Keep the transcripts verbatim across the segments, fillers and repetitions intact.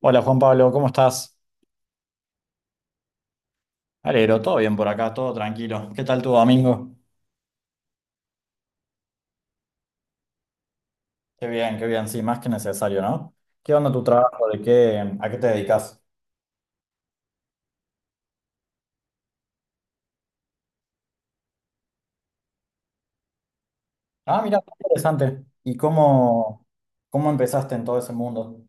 Hola Juan Pablo, ¿cómo estás? Alegro, todo bien por acá, todo tranquilo. ¿Qué tal tu domingo? Qué bien, qué bien, sí, más que necesario, ¿no? ¿Qué onda tu trabajo? ¿De qué, a qué te dedicas? Ah, mira, qué interesante. ¿Y cómo, cómo empezaste en todo ese mundo?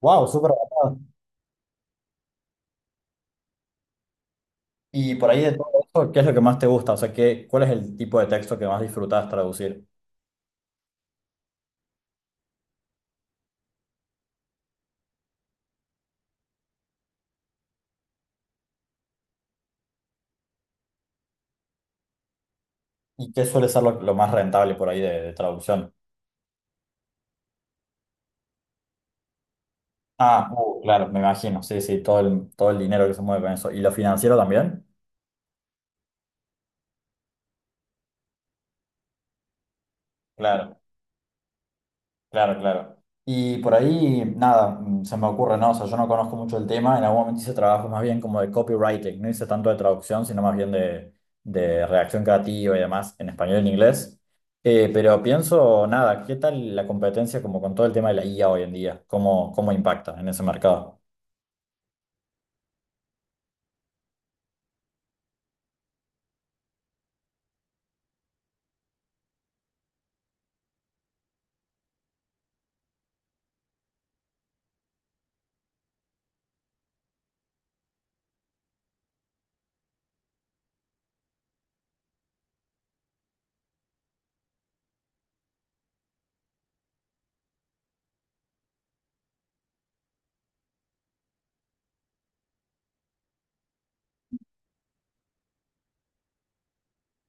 Wow, súper avanzado. Y por ahí de todo eso, ¿qué es lo que más te gusta? O sea, ¿qué, cuál es el tipo de texto que más disfrutas traducir? ¿Y qué suele ser lo, lo más rentable por ahí de, de traducción? Ah, uh, claro, me imagino, sí, sí, todo el, todo el dinero que se mueve con eso. ¿Y lo financiero también? Claro. Claro, claro. Y por ahí, nada, mm, se me ocurre, ¿no? O sea, yo no conozco mucho el tema. En algún momento hice trabajos más bien como de copywriting, no hice tanto de traducción, sino más bien de, de redacción creativa y demás en español y en inglés. Eh, pero pienso, nada, ¿qué tal la competencia como con todo el tema de la I A hoy en día? ¿Cómo, cómo impacta en ese mercado?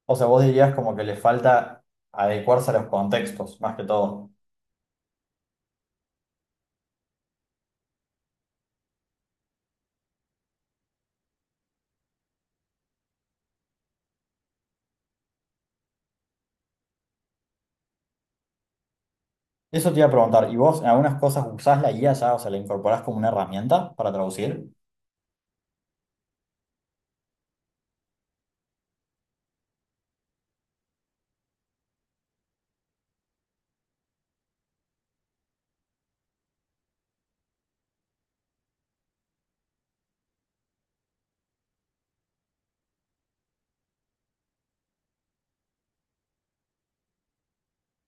O sea, vos dirías como que le falta adecuarse a los contextos, más que todo. Eso te iba a preguntar, ¿y vos en algunas cosas usás la I A ya, o sea, la incorporás como una herramienta para traducir?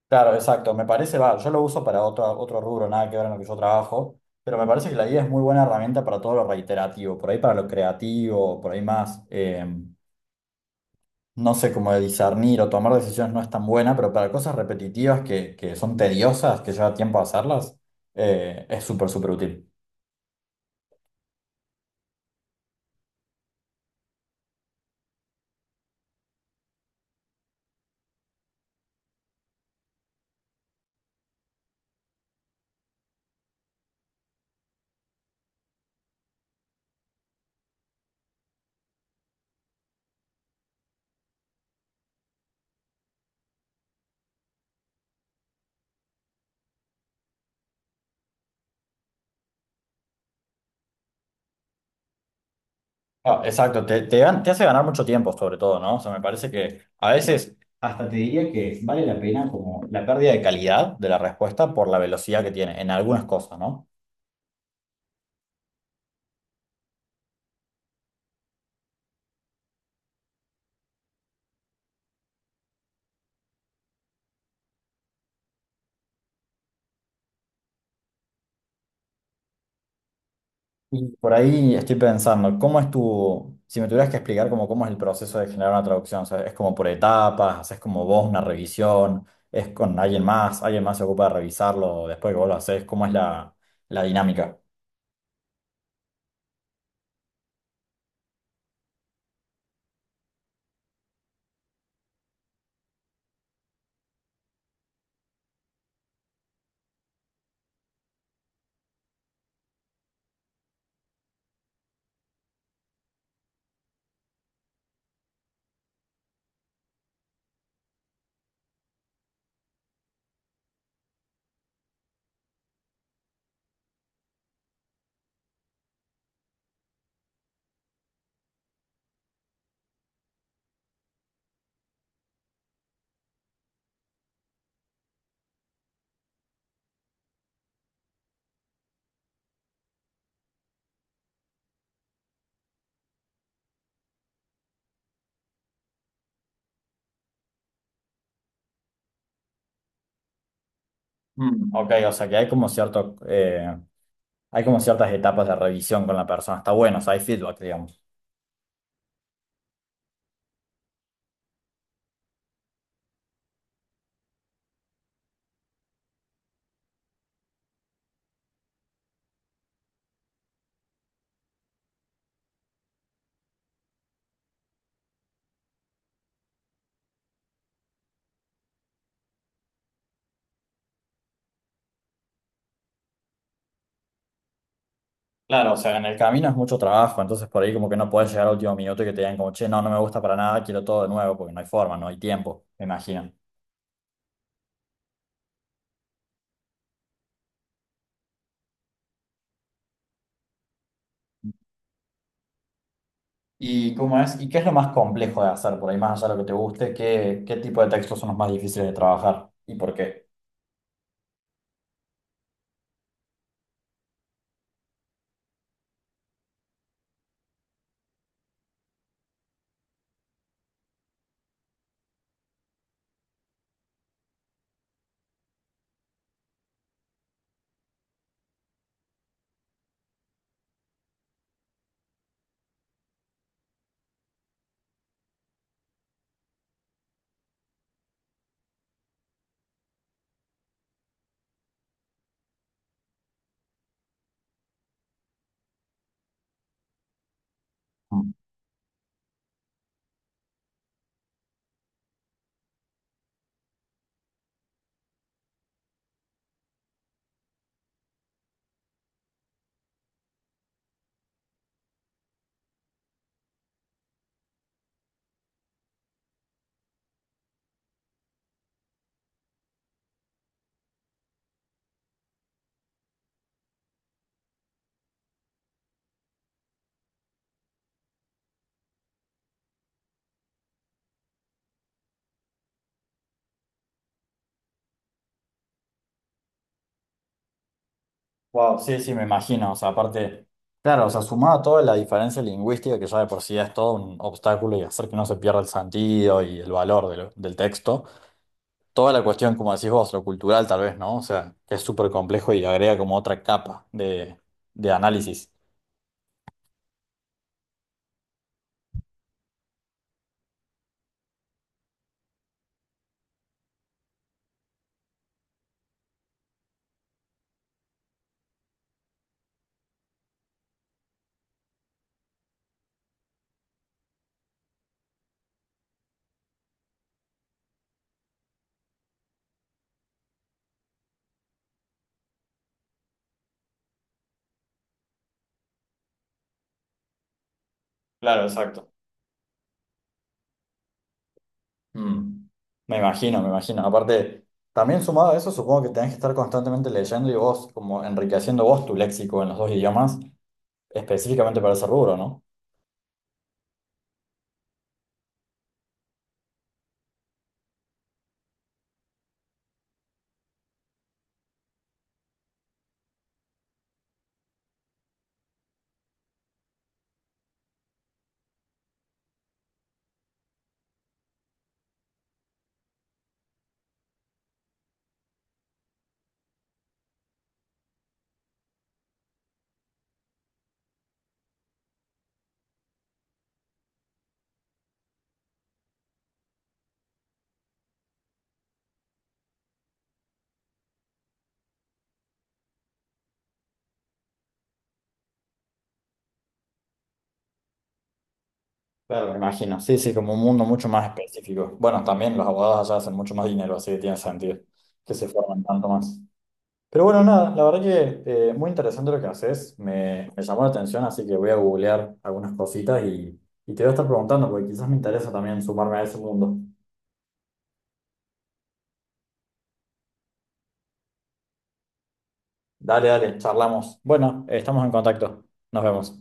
Claro, exacto. Me parece, va, yo lo uso para otro, otro rubro, nada que ver en lo que yo trabajo, pero me parece que la I A es muy buena herramienta para todo lo reiterativo, por ahí para lo creativo, por ahí más, eh, no sé, como de discernir o tomar decisiones no es tan buena, pero para cosas repetitivas que, que son tediosas, que lleva tiempo hacerlas, eh, es súper, súper útil. Ah, exacto, te, te, gan- te hace ganar mucho tiempo sobre todo, ¿no? O sea, me parece que a veces hasta te diría que vale la pena como la pérdida de calidad de la respuesta por la velocidad que tiene en algunas cosas, ¿no? Y por ahí estoy pensando, ¿cómo es tu, si me tuvieras que explicar como cómo es el proceso de generar una traducción? O sea, ¿es como por etapas? ¿Haces como vos una revisión? ¿Es con alguien más? ¿Alguien más se ocupa de revisarlo después que vos lo haces? ¿Cómo es la, la dinámica? Mm, ok, o sea que hay como cierto, eh, hay como ciertas etapas de revisión con la persona. Está bueno, o sea, hay feedback, digamos. Claro, o sea, en el camino es mucho trabajo, entonces por ahí como que no puedes llegar al último minuto y que te digan como, che, no, no me gusta para nada, quiero todo de nuevo, porque no hay forma, no hay tiempo, me imagino. ¿Y cómo es? ¿Y qué es lo más complejo de hacer por ahí, más allá de lo que te guste? ¿Qué, qué tipo de textos son los más difíciles de trabajar? ¿Y por qué? Mm. Wow, sí, sí, me imagino. O sea, aparte, claro, o sea, sumado a toda la diferencia lingüística, que ya de por sí es todo un obstáculo y hacer que no se pierda el sentido y el valor de lo- del texto, toda la cuestión, como decís vos, lo cultural tal vez, ¿no? O sea, que es súper complejo y agrega como otra capa de, de análisis. Claro, exacto. Mm. Me imagino, me imagino. Aparte, también sumado a eso, supongo que tenés que estar constantemente leyendo y vos, como enriqueciendo vos tu léxico en los dos idiomas, específicamente para ese rubro, ¿no? Claro, me imagino. Sí, sí, como un mundo mucho más específico. Bueno, también los abogados allá hacen mucho más dinero, así que tiene sentido que se formen tanto más. Pero bueno, nada, la verdad que eh, muy interesante lo que haces. Me, me llamó la atención, así que voy a googlear algunas cositas y, y te voy a estar preguntando, porque quizás me interesa también sumarme a ese mundo. Dale, dale, charlamos. Bueno, estamos en contacto. Nos vemos.